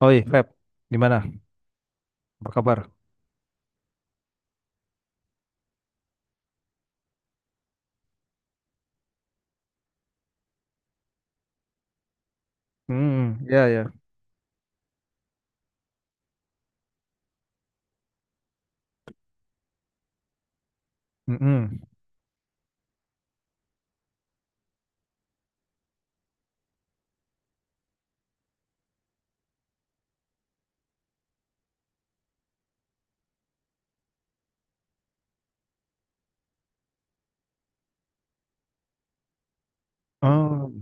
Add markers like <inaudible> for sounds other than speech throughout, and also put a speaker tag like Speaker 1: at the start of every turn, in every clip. Speaker 1: Oi, Feb, gimana? Apa kabar? Hmm, ya ya. Mm-mm. Oh,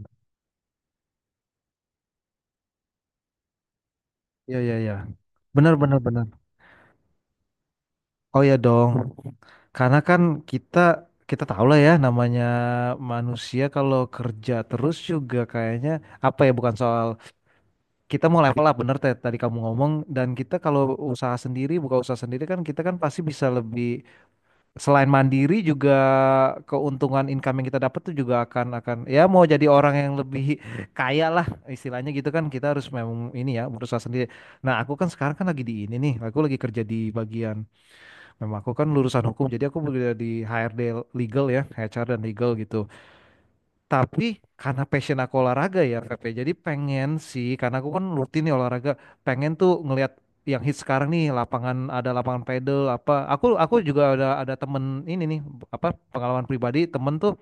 Speaker 1: ya ya ya. Benar benar benar. Oh ya dong. Karena kan kita kita tahu lah ya namanya manusia kalau kerja terus juga kayaknya apa ya, bukan soal kita mau level up bener Ted, tadi kamu ngomong, dan kita kalau usaha sendiri, buka usaha sendiri kan kita kan pasti bisa lebih, selain mandiri juga keuntungan income yang kita dapat tuh juga akan ya mau jadi orang yang lebih kaya lah istilahnya gitu kan, kita harus memang ini ya berusaha sendiri. Nah aku kan sekarang kan lagi di ini nih, aku lagi kerja di bagian, memang aku kan lulusan hukum jadi aku bekerja di HRD legal ya, HR dan legal gitu. Tapi karena passion aku olahraga ya, Feb, ya, jadi pengen sih, karena aku kan rutin nih olahraga, pengen tuh ngelihat yang hit sekarang nih, lapangan ada lapangan pedal apa. Aku juga ada temen ini nih, apa, pengalaman pribadi temen tuh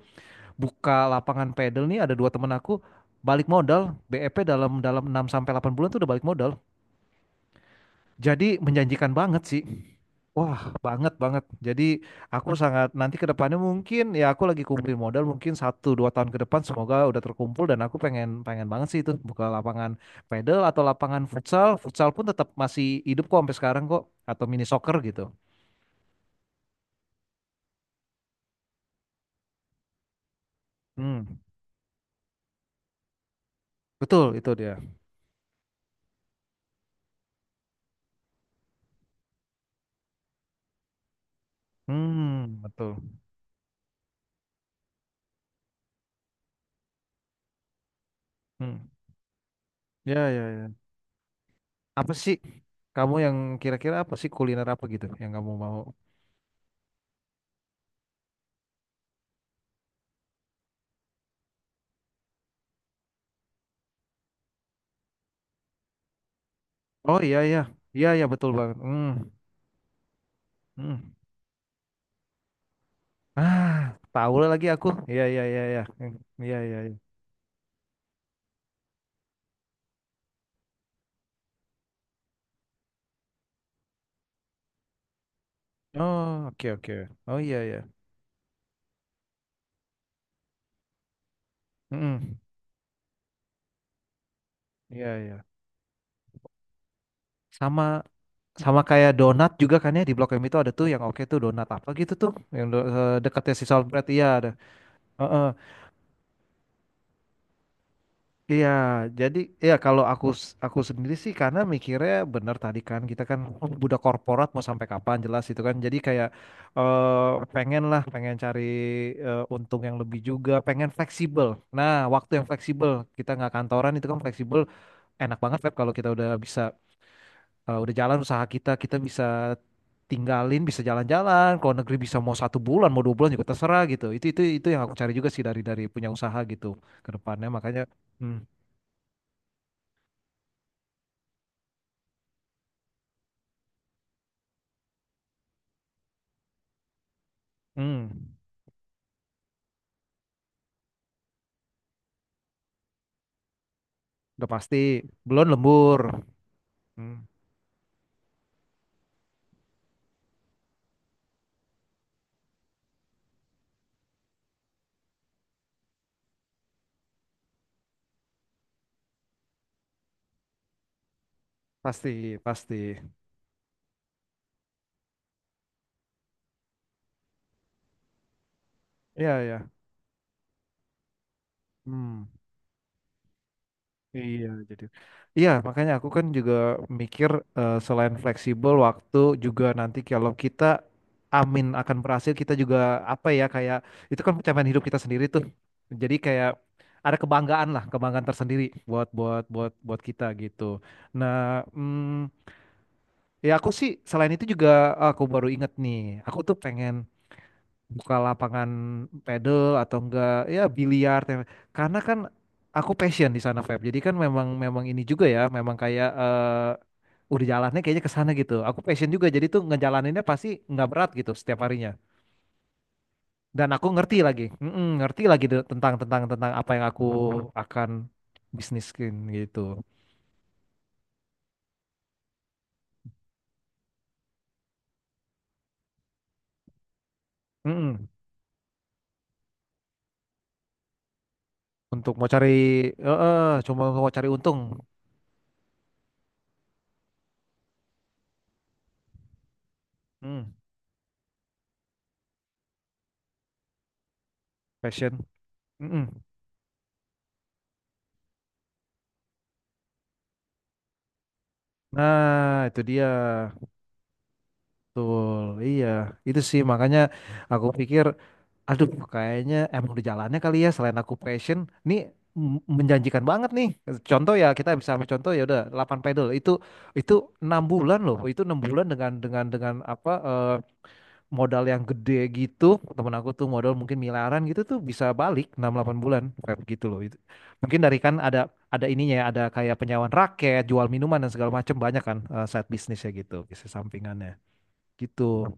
Speaker 1: buka lapangan pedal nih, ada dua temen aku balik modal BEP dalam dalam 6 sampai 8 bulan tuh udah balik modal. Jadi menjanjikan banget sih. Wah, banget banget. Jadi aku sangat nanti ke depannya mungkin ya, aku lagi kumpulin modal mungkin 1 2 tahun ke depan semoga udah terkumpul, dan aku pengen pengen banget sih itu buka lapangan pedal atau lapangan futsal. Futsal pun tetap masih hidup kok sampai sekarang kok, atau mini soccer gitu. Hmm, betul itu dia. Hmm, betul. Hmm. Ya ya ya. Apa sih kamu yang kira-kira apa sih, kuliner apa gitu yang kamu mau? Oh iya iya. Iya iya betul banget. Hmm. Hmm. Ah, tahu lah lagi aku. Iya, iya, iya, iya. Hmm, iya, iya, iya. Oh, oke, oke. Oh, iya, iya. Mm-mm. Iya, iya. Sama sama kayak donat juga kan ya, di Blok M itu ada tuh yang oke tuh donat apa gitu tuh, yang dekatnya si Solbret iya ada. Heeh. Iya, jadi ya kalau aku sendiri sih karena mikirnya benar tadi kan, kita kan oh, budak korporat mau sampai kapan, jelas itu kan. Jadi kayak pengen lah, pengen cari untung yang lebih juga, pengen fleksibel. Nah, waktu yang fleksibel, kita nggak kantoran itu kan fleksibel, enak banget Feb kalau kita udah bisa udah jalan usaha kita, kita bisa tinggalin, bisa jalan-jalan. Kalau negeri bisa mau 1 bulan, mau 2 bulan juga terserah gitu. Itu yang aku cari juga sih, dari punya usaha gitu ke depannya. Makanya, hmm, hmm. Udah pasti. Belum lembur. Hmm, pasti, pasti. Iya, iya. Hmm, iya, jadi. Iya, makanya aku kan juga mikir selain fleksibel waktu, juga nanti kalau kita amin akan berhasil, kita juga apa ya, kayak itu kan pencapaian hidup kita sendiri tuh. Jadi kayak ada kebanggaan lah, kebanggaan tersendiri buat buat buat buat kita gitu. Nah, mm, ya aku sih selain itu juga, aku baru inget nih, aku tuh pengen buka lapangan pedal atau enggak ya biliar, karena kan aku passion di sana Feb, jadi kan memang memang ini juga ya, memang kayak udah jalannya kayaknya ke sana gitu, aku passion juga jadi tuh ngejalaninnya pasti nggak berat gitu setiap harinya, dan aku ngerti lagi, mm-mm, ngerti lagi tentang tentang tentang apa yang aku akan bisniskin gitu. Mm-mm. Untuk mau cari eh eh, cuma mau cari untung. Mm, passion. Mm-mm. Nah itu dia. Betul, iya. Itu sih makanya aku pikir, aduh kayaknya emang udah jalannya kali ya, selain aku passion, ini menjanjikan banget nih. Contoh ya, kita bisa ambil contoh ya, udah 8 pedal itu 6 bulan loh, itu 6 bulan dengan dengan apa, modal yang gede gitu. Temen aku tuh modal mungkin miliaran gitu tuh bisa balik 6 8 bulan kayak begitu loh. Itu. Mungkin dari kan ada ininya ya, ada kayak penyewaan raket, jual minuman dan segala macam, banyak kan, side bisnisnya gitu, bisnis sampingannya. Gitu.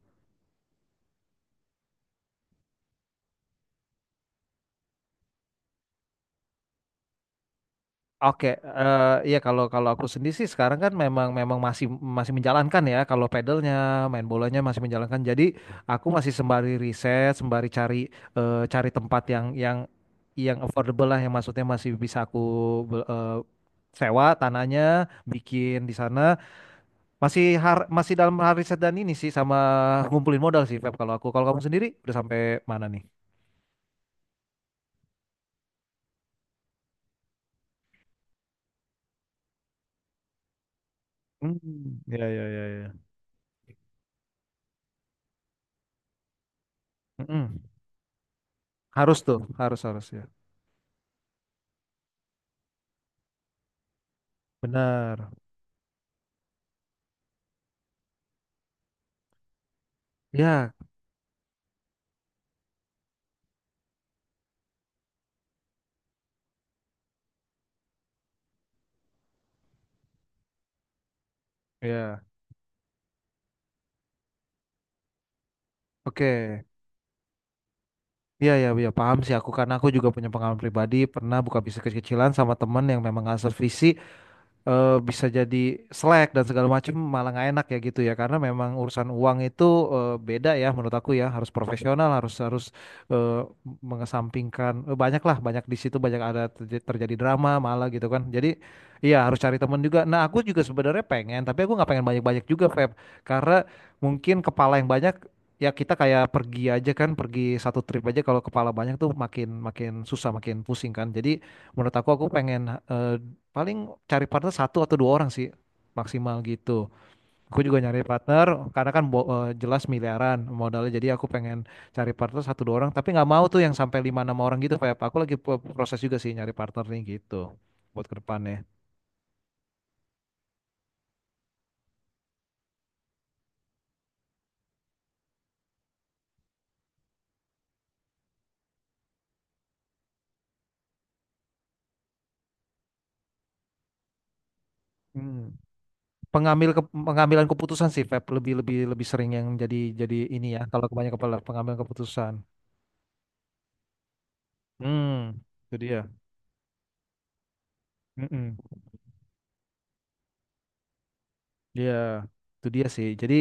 Speaker 1: Oke, iya kalau kalau aku sendiri sih sekarang kan memang memang masih masih menjalankan ya kalau pedalnya, main bolanya masih menjalankan. Jadi aku masih sembari riset, sembari cari cari tempat yang yang affordable lah, yang maksudnya masih bisa aku be- eh, sewa tanahnya, bikin di sana. Masih dalam hal riset dan ini sih, sama ngumpulin modal sih, Feb, kalau aku. Kalau kamu sendiri udah sampai mana nih? Hmm, ya ya ya ya. Mm-mm. Harus tuh, harus harus ya. Benar. Ya, ya. Oke. Iya, ya, ya, paham sih aku, karena aku juga punya pengalaman pribadi pernah buka bisnis kecil-kecilan sama temen yang memang nggak sevisi, bisa jadi selek dan segala macam, malah nggak enak ya gitu ya, karena memang urusan uang itu beda ya menurut aku ya, harus profesional, harus harus eh, mengesampingkan banyak lah, banyak di situ, banyak ada terjadi drama malah gitu kan, jadi iya harus cari teman juga. Nah aku juga sebenarnya pengen, tapi aku nggak pengen banyak-banyak juga Feb, karena mungkin kepala yang banyak ya, kita kayak pergi aja kan, pergi satu trip aja kalau kepala banyak tuh makin makin susah makin pusing kan. Jadi menurut aku pengen paling cari partner satu atau dua orang sih maksimal gitu. Aku juga nyari partner, karena kan jelas miliaran modalnya, jadi aku pengen cari partner satu dua orang, tapi nggak mau tuh yang sampai lima enam orang gitu Feb. Aku lagi proses juga sih nyari partner nih gitu buat ke depannya. Hmm. Pengambilan keputusan sih Feb, lebih lebih lebih sering yang jadi ini ya, kalau kebanyakan kepala pengambilan keputusan. Hmm, itu dia. Mm-mm. Iya, itu dia sih. Jadi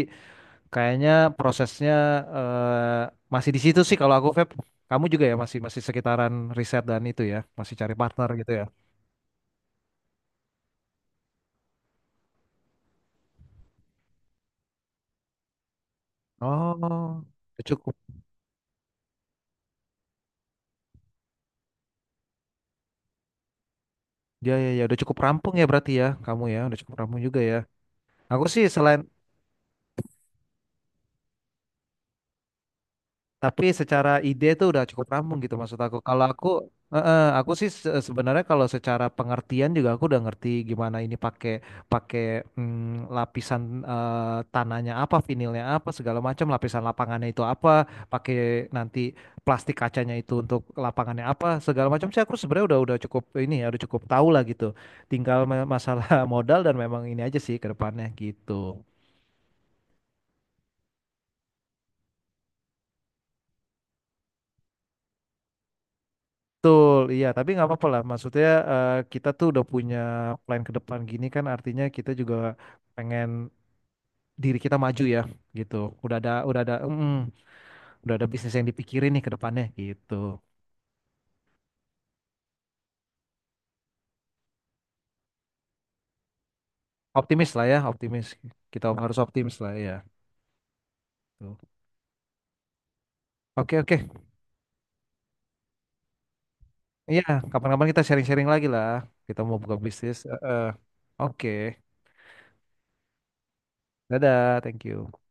Speaker 1: kayaknya prosesnya eh, masih di situ sih kalau aku Feb. Kamu juga ya, masih masih sekitaran riset dan itu ya, masih cari partner gitu ya. Oh, udah cukup. Ya ya ya, udah cukup rampung ya berarti ya, kamu ya, udah cukup rampung juga ya. Aku sih selain. Tapi secara ide tuh udah cukup rampung gitu maksud aku. Kalau aku, aku sih sebenarnya kalau secara pengertian juga aku udah ngerti gimana ini, pakai pakai lapisan, tanahnya apa, vinilnya apa, segala macam, lapisan lapangannya itu apa, pakai nanti plastik kacanya itu untuk lapangannya apa, segala macam sih, aku sebenarnya udah cukup ini ya, udah cukup tahu lah gitu. Tinggal masalah <laughs> modal dan memang ini aja sih ke depannya gitu. Betul, iya, tapi nggak apa-apa lah. Maksudnya kita tuh udah punya plan ke depan gini kan, artinya kita juga pengen diri kita maju ya, gitu. Udah ada, udah ada, mm, udah ada bisnis yang dipikirin nih ke depannya, gitu. Optimis lah ya, optimis. Kita harus optimis lah ya. Tuh. Oke, oke. Iya, kapan-kapan kita sharing-sharing lagi lah. Kita mau buka bisnis. Eh, eh. Oke, dadah, thank you.